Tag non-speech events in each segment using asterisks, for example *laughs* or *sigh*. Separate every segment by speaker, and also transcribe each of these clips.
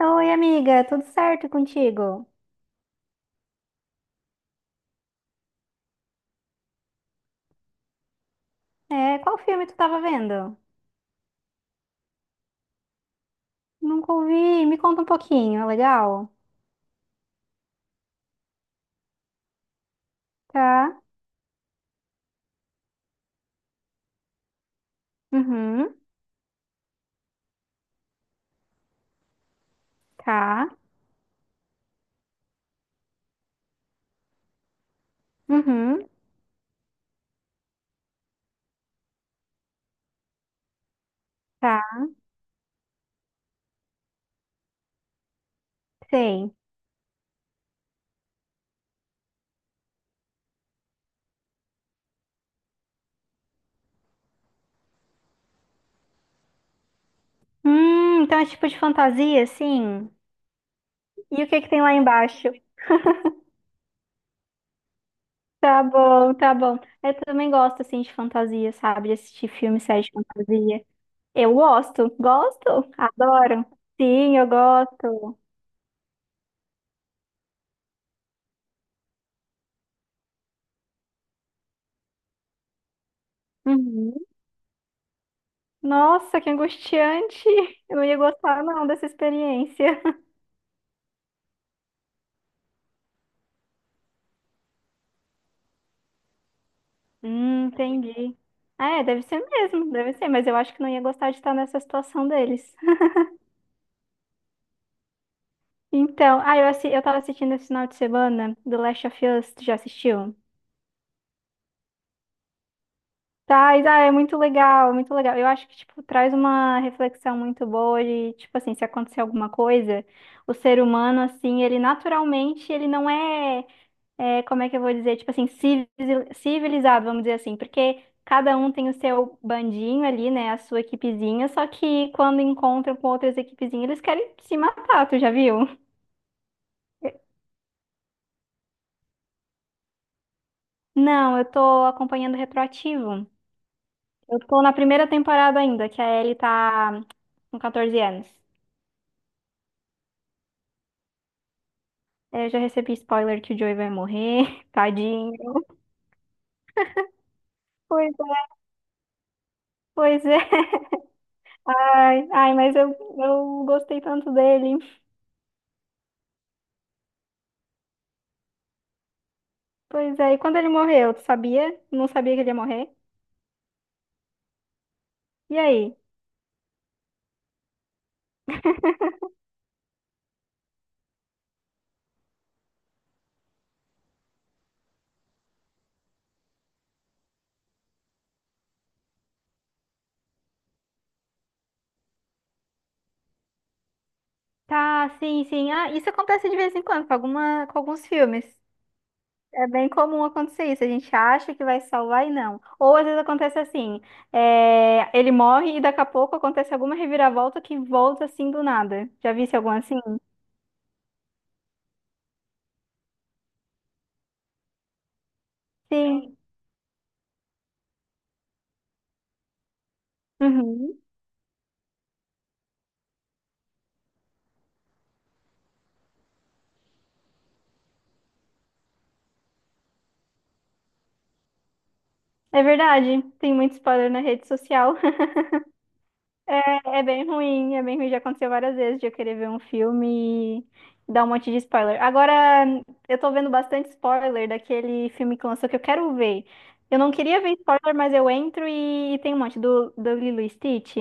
Speaker 1: Oi, amiga, tudo certo contigo? É, qual filme tu tava vendo? Nunca ouvi, me conta um pouquinho, é legal? Tá, uhum, tá, uhum, tá, sei. Então é tipo de fantasia, sim? E o que que tem lá embaixo? Tá bom, tá bom. Eu também gosto, assim, de fantasia, sabe? De assistir filme, série de fantasia. Eu gosto, gosto, adoro. Sim, eu gosto. Uhum. Nossa, que angustiante! Eu não ia gostar, não, dessa experiência. *laughs* Entendi. Ah, é, deve ser mesmo, deve ser, mas eu acho que não ia gostar de estar nessa situação deles. *laughs* Então, ah, eu, assi eu tava assistindo esse final de semana do Last of Us, tu já assistiu? Tá, e, ah, é muito legal, muito legal. Eu acho que, tipo, traz uma reflexão muito boa de, tipo assim, se acontecer alguma coisa, o ser humano, assim, ele naturalmente, ele não é. É, como é que eu vou dizer, tipo assim, civilizado, vamos dizer assim, porque cada um tem o seu bandinho ali, né, a sua equipezinha, só que quando encontram com outras equipezinhas, eles querem se matar, tu já viu? Não, eu tô acompanhando retroativo. Eu tô na primeira temporada ainda, que a Ellie tá com 14 anos. É, eu já recebi spoiler que o Joey vai morrer, *laughs* tadinho. Pois é, pois é. Ai, ai, mas eu gostei tanto dele. Pois é, e quando ele morreu, tu sabia? Não sabia que ele ia morrer? E aí? Tá, sim, sim. Ah, isso acontece de vez em quando com alguma, com alguns filmes. É bem comum acontecer isso. A gente acha que vai salvar e não. Ou às vezes acontece assim, é, ele morre e daqui a pouco acontece alguma reviravolta que volta assim do nada. Já visse algum assim? Sim. Uhum. É verdade. Tem muito spoiler na rede social. É bem ruim, é bem ruim. Já aconteceu várias vezes de eu querer ver um filme e dar um monte de spoiler. Agora, eu tô vendo bastante spoiler daquele filme que lançou que eu quero ver. Eu não queria ver spoiler, mas eu entro e tem um monte do Lilo e Stitch.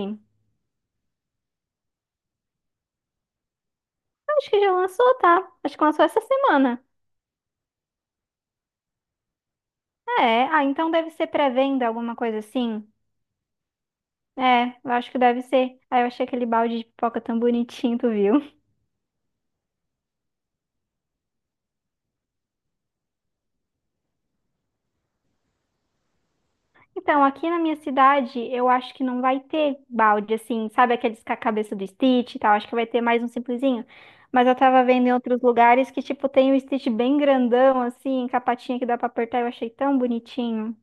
Speaker 1: Acho que já lançou, tá? Acho que lançou essa semana. É, ah, então deve ser pré-venda, alguma coisa assim. É, eu acho que deve ser. Aí eu achei aquele balde de pipoca tão bonitinho, tu viu? Então, aqui na minha cidade, eu acho que não vai ter balde, assim, sabe aqueles com a cabeça do Stitch e tal? Acho que vai ter mais um simplesinho. Mas eu tava vendo em outros lugares que, tipo, tem o Stitch bem grandão, assim, com a patinha que dá pra apertar. Eu achei tão bonitinho.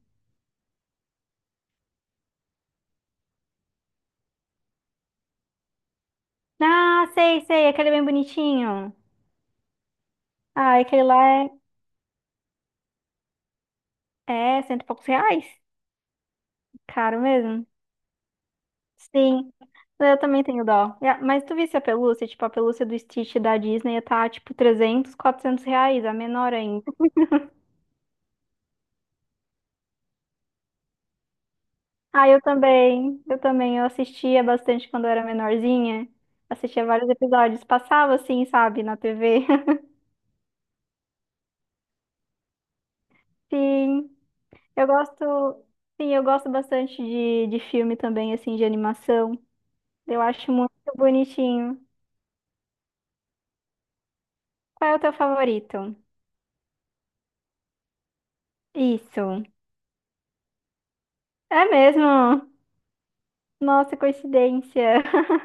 Speaker 1: Ah, sei, sei, aquele bem bonitinho. Ah, aquele lá é, é cento e poucos reais. Caro mesmo. Sim, eu também tenho dó. É, mas tu visse a pelúcia? Tipo, a pelúcia do Stitch da Disney tá, tipo, 300, 400 reais, a menor. Ah, eu também. Eu também. Eu assistia bastante quando eu era menorzinha. Assistia vários episódios. Passava assim, sabe, na TV. *laughs* Sim, eu gosto. Sim, eu gosto bastante de filme também, assim, de animação. Eu acho muito bonitinho. Qual é o teu favorito? Isso. É mesmo? Nossa, coincidência. *laughs*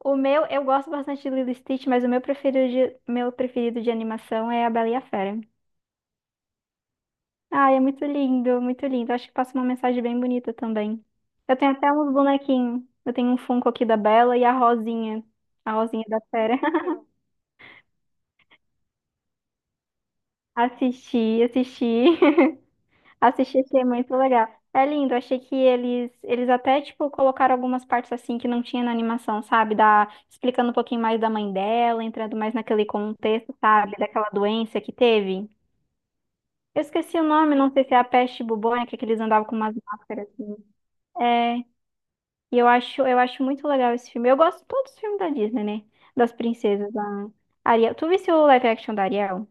Speaker 1: O meu, eu gosto bastante de Lilo e Stitch, mas o meu preferido de animação é a Bela e a Fera. Ai, é muito lindo, muito lindo. Acho que passa uma mensagem bem bonita também. Eu tenho até uns bonequinhos. Eu tenho um Funko aqui da Bela e a Rosinha. A Rosinha da Fera. *laughs* Assisti, assisti, *laughs* assisti, achei muito legal. É lindo, achei que eles até, tipo, colocaram algumas partes assim que não tinha na animação, sabe? Da, explicando um pouquinho mais da mãe dela, entrando mais naquele contexto, sabe? Daquela doença que teve. Eu esqueci o nome, não sei se é a peste bubônica que eles andavam com umas máscaras assim. É, e eu acho muito legal esse filme. Eu gosto de todos os filmes da Disney, né? Das princesas, da Ariel. Tu viste o live action da Ariel?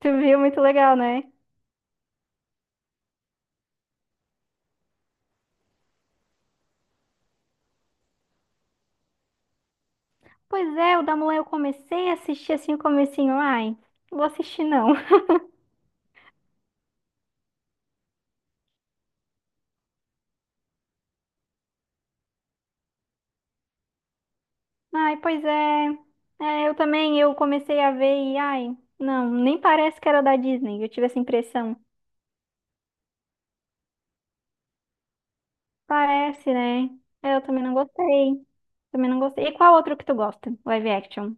Speaker 1: Tu viu? Muito legal, né? Pois é, o da Mulan eu comecei a assistir assim, o comecinho. Ai, não vou assistir não. *laughs* Ai, pois é. É, eu também, eu comecei a ver e ai, não, nem parece que era da Disney. Eu tive essa impressão. Parece, né? É, eu também não gostei. Também não gostei. E qual outro que tu gosta? Live action?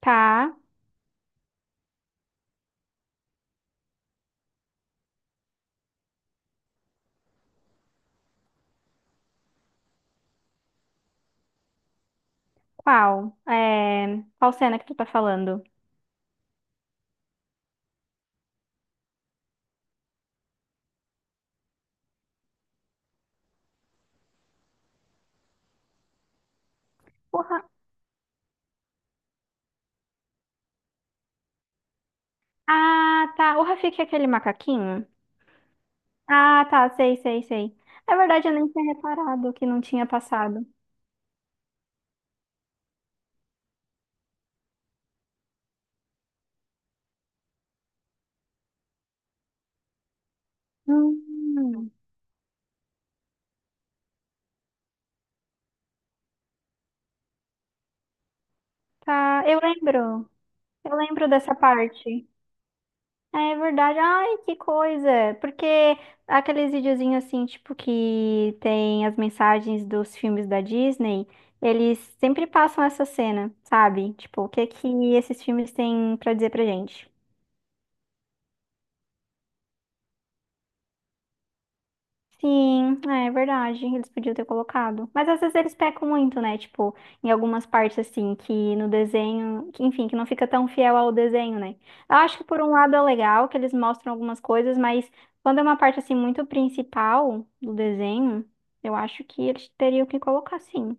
Speaker 1: Tá. Qual? É... Qual cena que tu tá falando? O Ra- Ah, tá. O Rafiki é aquele macaquinho? Ah, tá. Sei, sei, sei. É verdade, eu nem tinha reparado que não tinha passado. Hum, tá. Eu lembro. Eu lembro dessa parte. É verdade. Ai, que coisa. Porque aqueles videozinhos assim, tipo, que tem as mensagens dos filmes da Disney, eles sempre passam essa cena, sabe? Tipo, o que que esses filmes têm pra dizer pra gente? Sim, é verdade, eles podiam ter colocado. Mas às vezes eles pecam muito, né? Tipo, em algumas partes assim, que no desenho, que, enfim, que não fica tão fiel ao desenho, né? Eu acho que por um lado é legal que eles mostram algumas coisas, mas quando é uma parte assim muito principal do desenho, eu acho que eles teriam que colocar sim.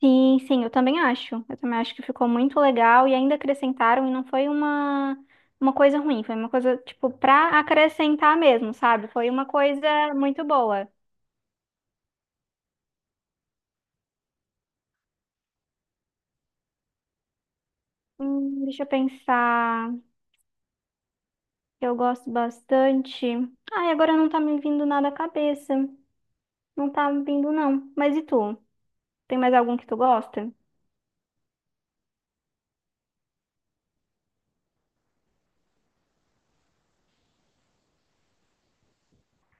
Speaker 1: Sim, sim, eu também acho. Eu também acho que ficou muito legal e ainda acrescentaram e não foi uma coisa ruim, foi uma coisa tipo pra acrescentar mesmo, sabe? Foi uma coisa muito boa. Deixa eu pensar. Eu gosto bastante. Ai, agora não tá me vindo nada à cabeça. Não tá me vindo, não. Mas e tu? Tem mais algum que tu gosta?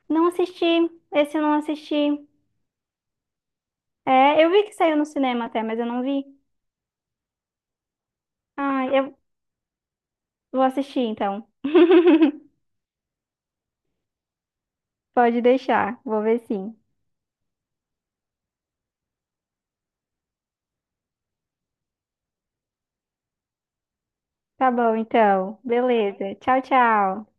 Speaker 1: Não assisti. Esse eu não assisti. É, eu vi que saiu no cinema até, mas eu não vi. Ai, eu vou assistir então. *laughs* Pode deixar. Vou ver sim. Tá bom, então. Beleza. Tchau, tchau.